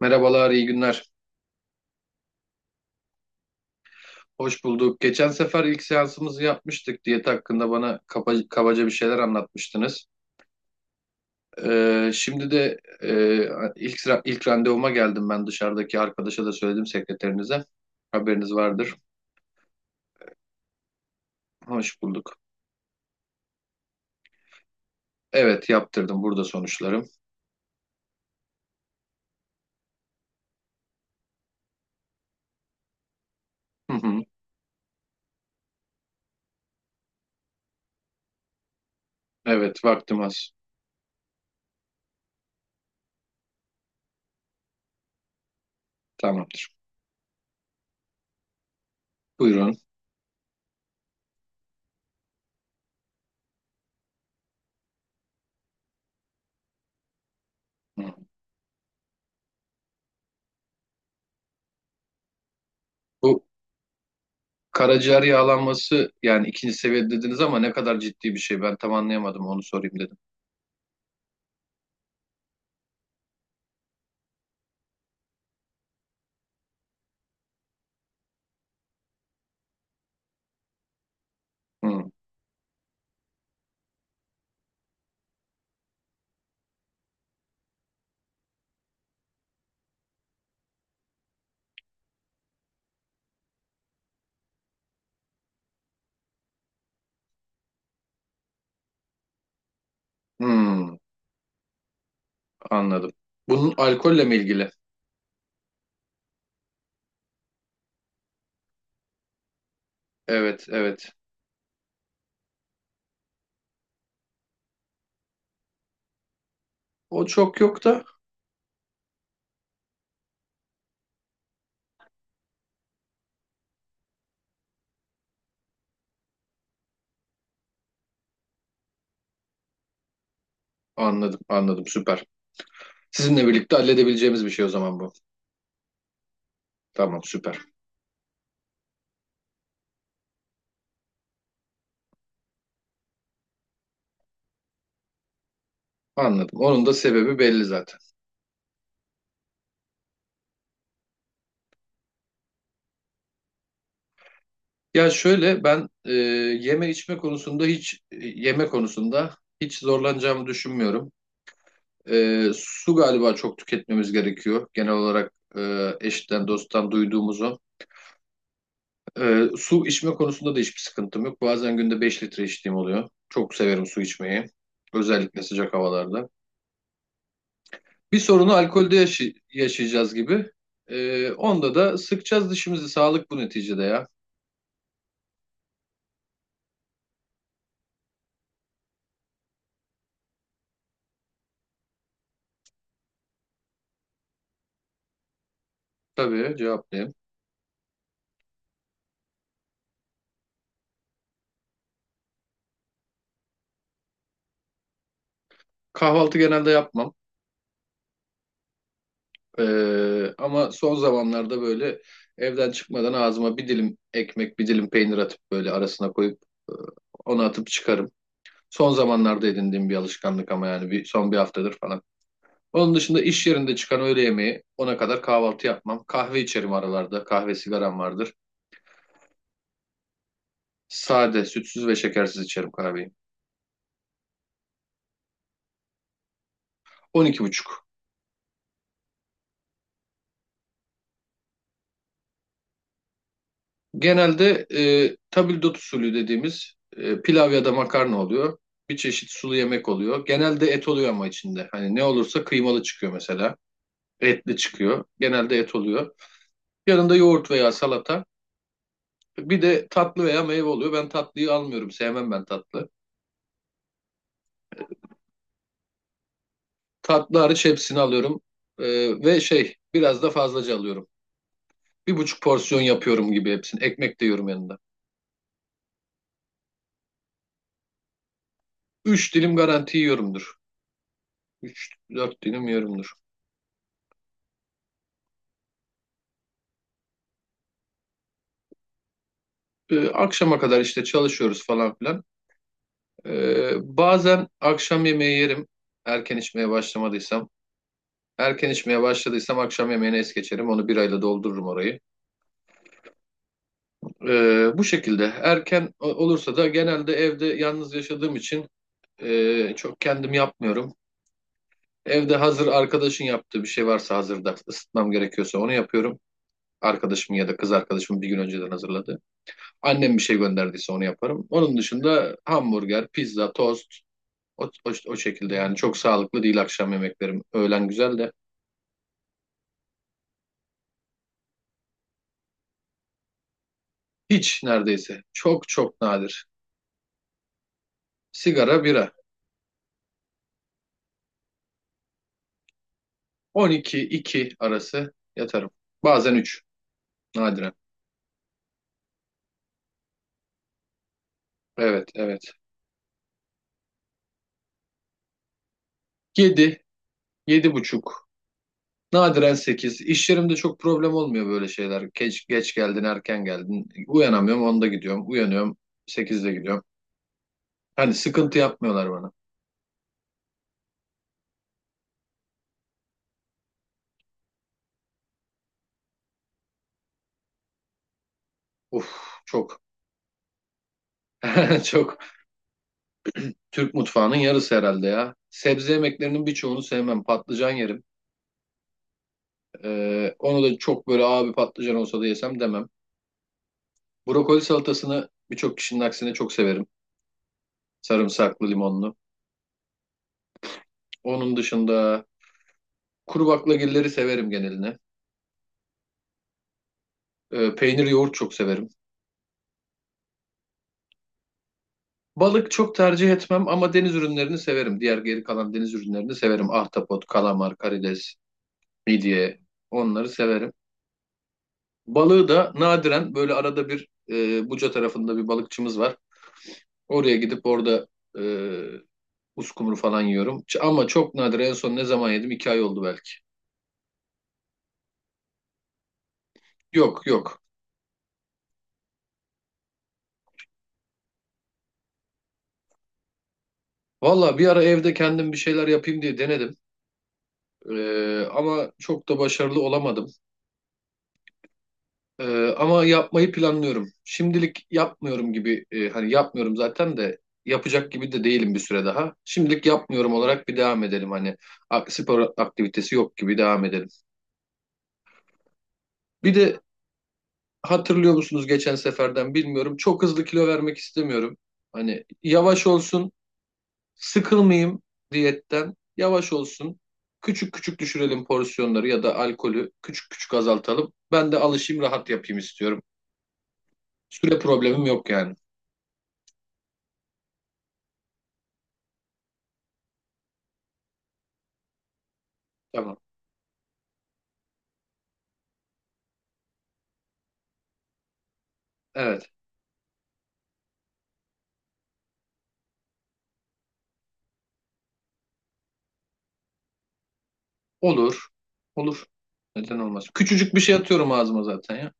Merhabalar, iyi günler. Hoş bulduk. Geçen sefer ilk seansımızı yapmıştık. Diyet hakkında bana kabaca bir şeyler anlatmıştınız. Şimdi de e, ilk randevuma geldim ben dışarıdaki arkadaşa da söyledim sekreterinize. Haberiniz vardır. Hoş bulduk. Evet, yaptırdım. Burada sonuçlarım. Hı hı. Evet, vaktim az. Tamamdır. Buyurun. Hı. Bu karaciğer yağlanması yani ikinci seviye dediniz ama ne kadar ciddi bir şey ben tam anlayamadım onu sorayım dedim. Hı. Hı. Anladım. Bunun alkolle mi ilgili? Evet, evet. O çok yok da. Anladım, anladım. Süper. Sizinle birlikte halledebileceğimiz bir şey o zaman bu. Tamam, süper. Anladım. Onun da sebebi belli zaten. Ya şöyle ben yeme içme konusunda hiç yeme konusunda hiç zorlanacağımı düşünmüyorum. Su galiba çok tüketmemiz gerekiyor. Genel olarak eşten dosttan duyduğumuzu. Su içme konusunda da hiçbir sıkıntım yok. Bazen günde 5 litre içtiğim oluyor. Çok severim su içmeyi. Özellikle sıcak havalarda. Bir sorunu alkolde yaşayacağız gibi. Onda da sıkacağız dişimizi. Sağlık bu neticede ya. Tabii cevaplayayım. Kahvaltı genelde yapmam. Ama son zamanlarda böyle evden çıkmadan ağzıma bir dilim ekmek, bir dilim peynir atıp böyle arasına koyup e, onu atıp çıkarım. Son zamanlarda edindiğim bir alışkanlık ama yani son bir haftadır falan. Onun dışında iş yerinde çıkan öğle yemeği, ona kadar kahvaltı yapmam. Kahve içerim aralarda. Kahve sigaram vardır. Sade, sütsüz ve şekersiz içerim kahveyi. 12:30. Genelde tabldot usulü dediğimiz pilav ya da makarna oluyor. Bir çeşit sulu yemek oluyor. Genelde et oluyor ama içinde. Hani ne olursa kıymalı çıkıyor mesela. Etli çıkıyor. Genelde et oluyor. Yanında yoğurt veya salata. Bir de tatlı veya meyve oluyor. Ben tatlıyı almıyorum. Sevmem ben tatlı. Tatlı hariç hepsini alıyorum. Ee, ve şey biraz da fazlaca alıyorum. Bir buçuk porsiyon yapıyorum gibi hepsini. Ekmek de yiyorum yanında. 3 dilim garanti yiyorumdur. 3, 4 dilim yiyorumdur. Akşama kadar işte çalışıyoruz falan filan. Bazen akşam yemeği yerim. Erken içmeye başlamadıysam. Erken içmeye başladıysam akşam yemeğini es geçerim. Onu birayla doldururum orayı. Bu şekilde erken olursa da genelde evde yalnız yaşadığım için çok kendim yapmıyorum. Evde hazır arkadaşın yaptığı bir şey varsa hazırda ısıtmam gerekiyorsa onu yapıyorum. Arkadaşım ya da kız arkadaşım bir gün önceden hazırladı. Annem bir şey gönderdiyse onu yaparım. Onun dışında hamburger, pizza, tost o şekilde yani çok sağlıklı değil akşam yemeklerim. Öğlen güzel de hiç neredeyse çok çok nadir. Sigara, bira. 12-2 arası yatarım. Bazen üç, nadiren. Evet evet. 7, 7 buçuk. Nadiren 8. İş yerimde çok problem olmuyor böyle şeyler. Geç, geç geldin, erken geldin. Uyanamıyorum, 10'da gidiyorum. Uyanıyorum, 8'de gidiyorum. Hani sıkıntı yapmıyorlar bana. Uf, çok. Çok. Türk mutfağının yarısı herhalde ya. Sebze yemeklerinin birçoğunu sevmem. Patlıcan yerim. Onu da çok böyle abi patlıcan olsa da yesem demem. Brokoli salatasını birçok kişinin aksine çok severim. Sarımsaklı, limonlu. Onun dışında kuru baklagilleri severim geneline. Peynir, yoğurt çok severim. Balık çok tercih etmem ama deniz ürünlerini severim. Diğer geri kalan deniz ürünlerini severim. Ahtapot, kalamar, karides, midye onları severim. Balığı da nadiren böyle arada bir Buca tarafında bir balıkçımız var. Oraya gidip orada e, uskumru falan yiyorum. Ama çok nadir en son ne zaman yedim? 2 ay oldu belki. Yok yok. Valla bir ara evde kendim bir şeyler yapayım diye denedim. Ama çok da başarılı olamadım. Ama yapmayı planlıyorum. Şimdilik yapmıyorum gibi hani yapmıyorum zaten de yapacak gibi de değilim bir süre daha. Şimdilik yapmıyorum olarak bir devam edelim hani spor aktivitesi yok gibi devam edelim. Bir de hatırlıyor musunuz geçen seferden bilmiyorum. Çok hızlı kilo vermek istemiyorum. Hani yavaş olsun, sıkılmayayım diyetten. Yavaş olsun. Küçük küçük düşürelim porsiyonları ya da alkolü küçük küçük azaltalım. Ben de alışayım, rahat yapayım istiyorum. Süre problemim yok yani. Tamam. Evet. Olur. Olur. Neden olmaz? Küçücük bir şey atıyorum ağzıma zaten ya.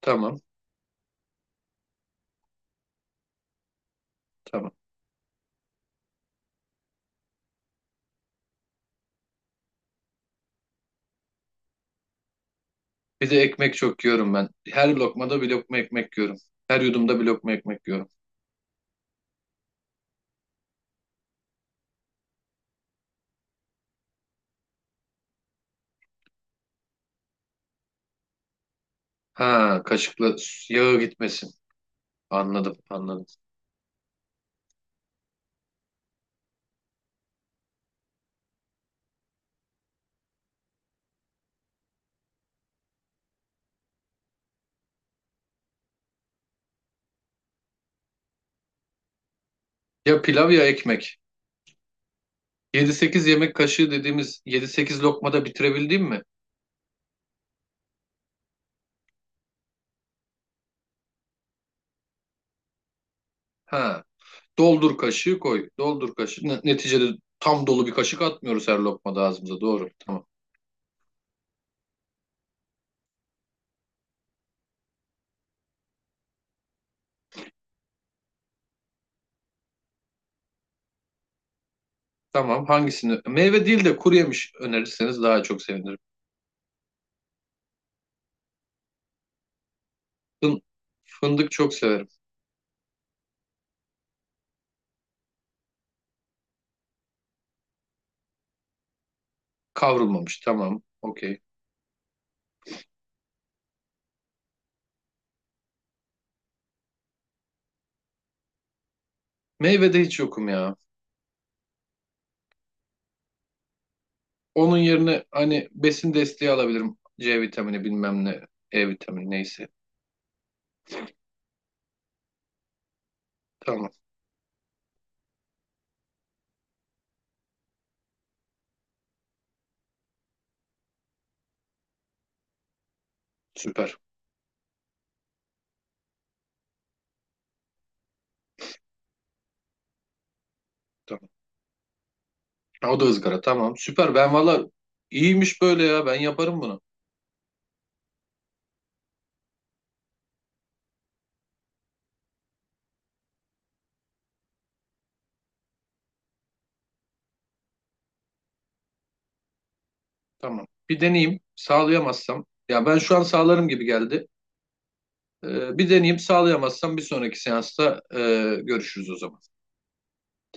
Tamam, tamam. Bir de ekmek çok yiyorum ben. Her lokmada bir lokma ekmek yiyorum. Her yudumda bir lokma ekmek yiyorum. Ha, kaşıkla yağı gitmesin. Anladım, anladım. Ya pilav ya ekmek. Yedi sekiz yemek kaşığı dediğimiz yedi sekiz lokmada bitirebildim mi? Ha, doldur kaşığı koy. Doldur kaşığı. Neticede tam dolu bir kaşık atmıyoruz her lokmada ağzımıza. Doğru. Tamam. Tamam. Hangisini? Meyve değil de kuru yemiş önerirseniz daha çok sevinirim. Fın- Fındık çok severim. Kavrulmamış tamam okey. Meyvede hiç yokum ya. Onun yerine hani besin desteği alabilirim. C vitamini bilmem ne. E vitamini neyse. Tamam süper. Tamam. Ha, o da ızgara tamam süper. Ben valla iyiymiş böyle ya ben yaparım bunu. Tamam bir deneyeyim sağlayamazsam. Ya ben şu an sağlarım gibi geldi. Bir deneyeyim sağlayamazsam bir sonraki seansta görüşürüz o zaman.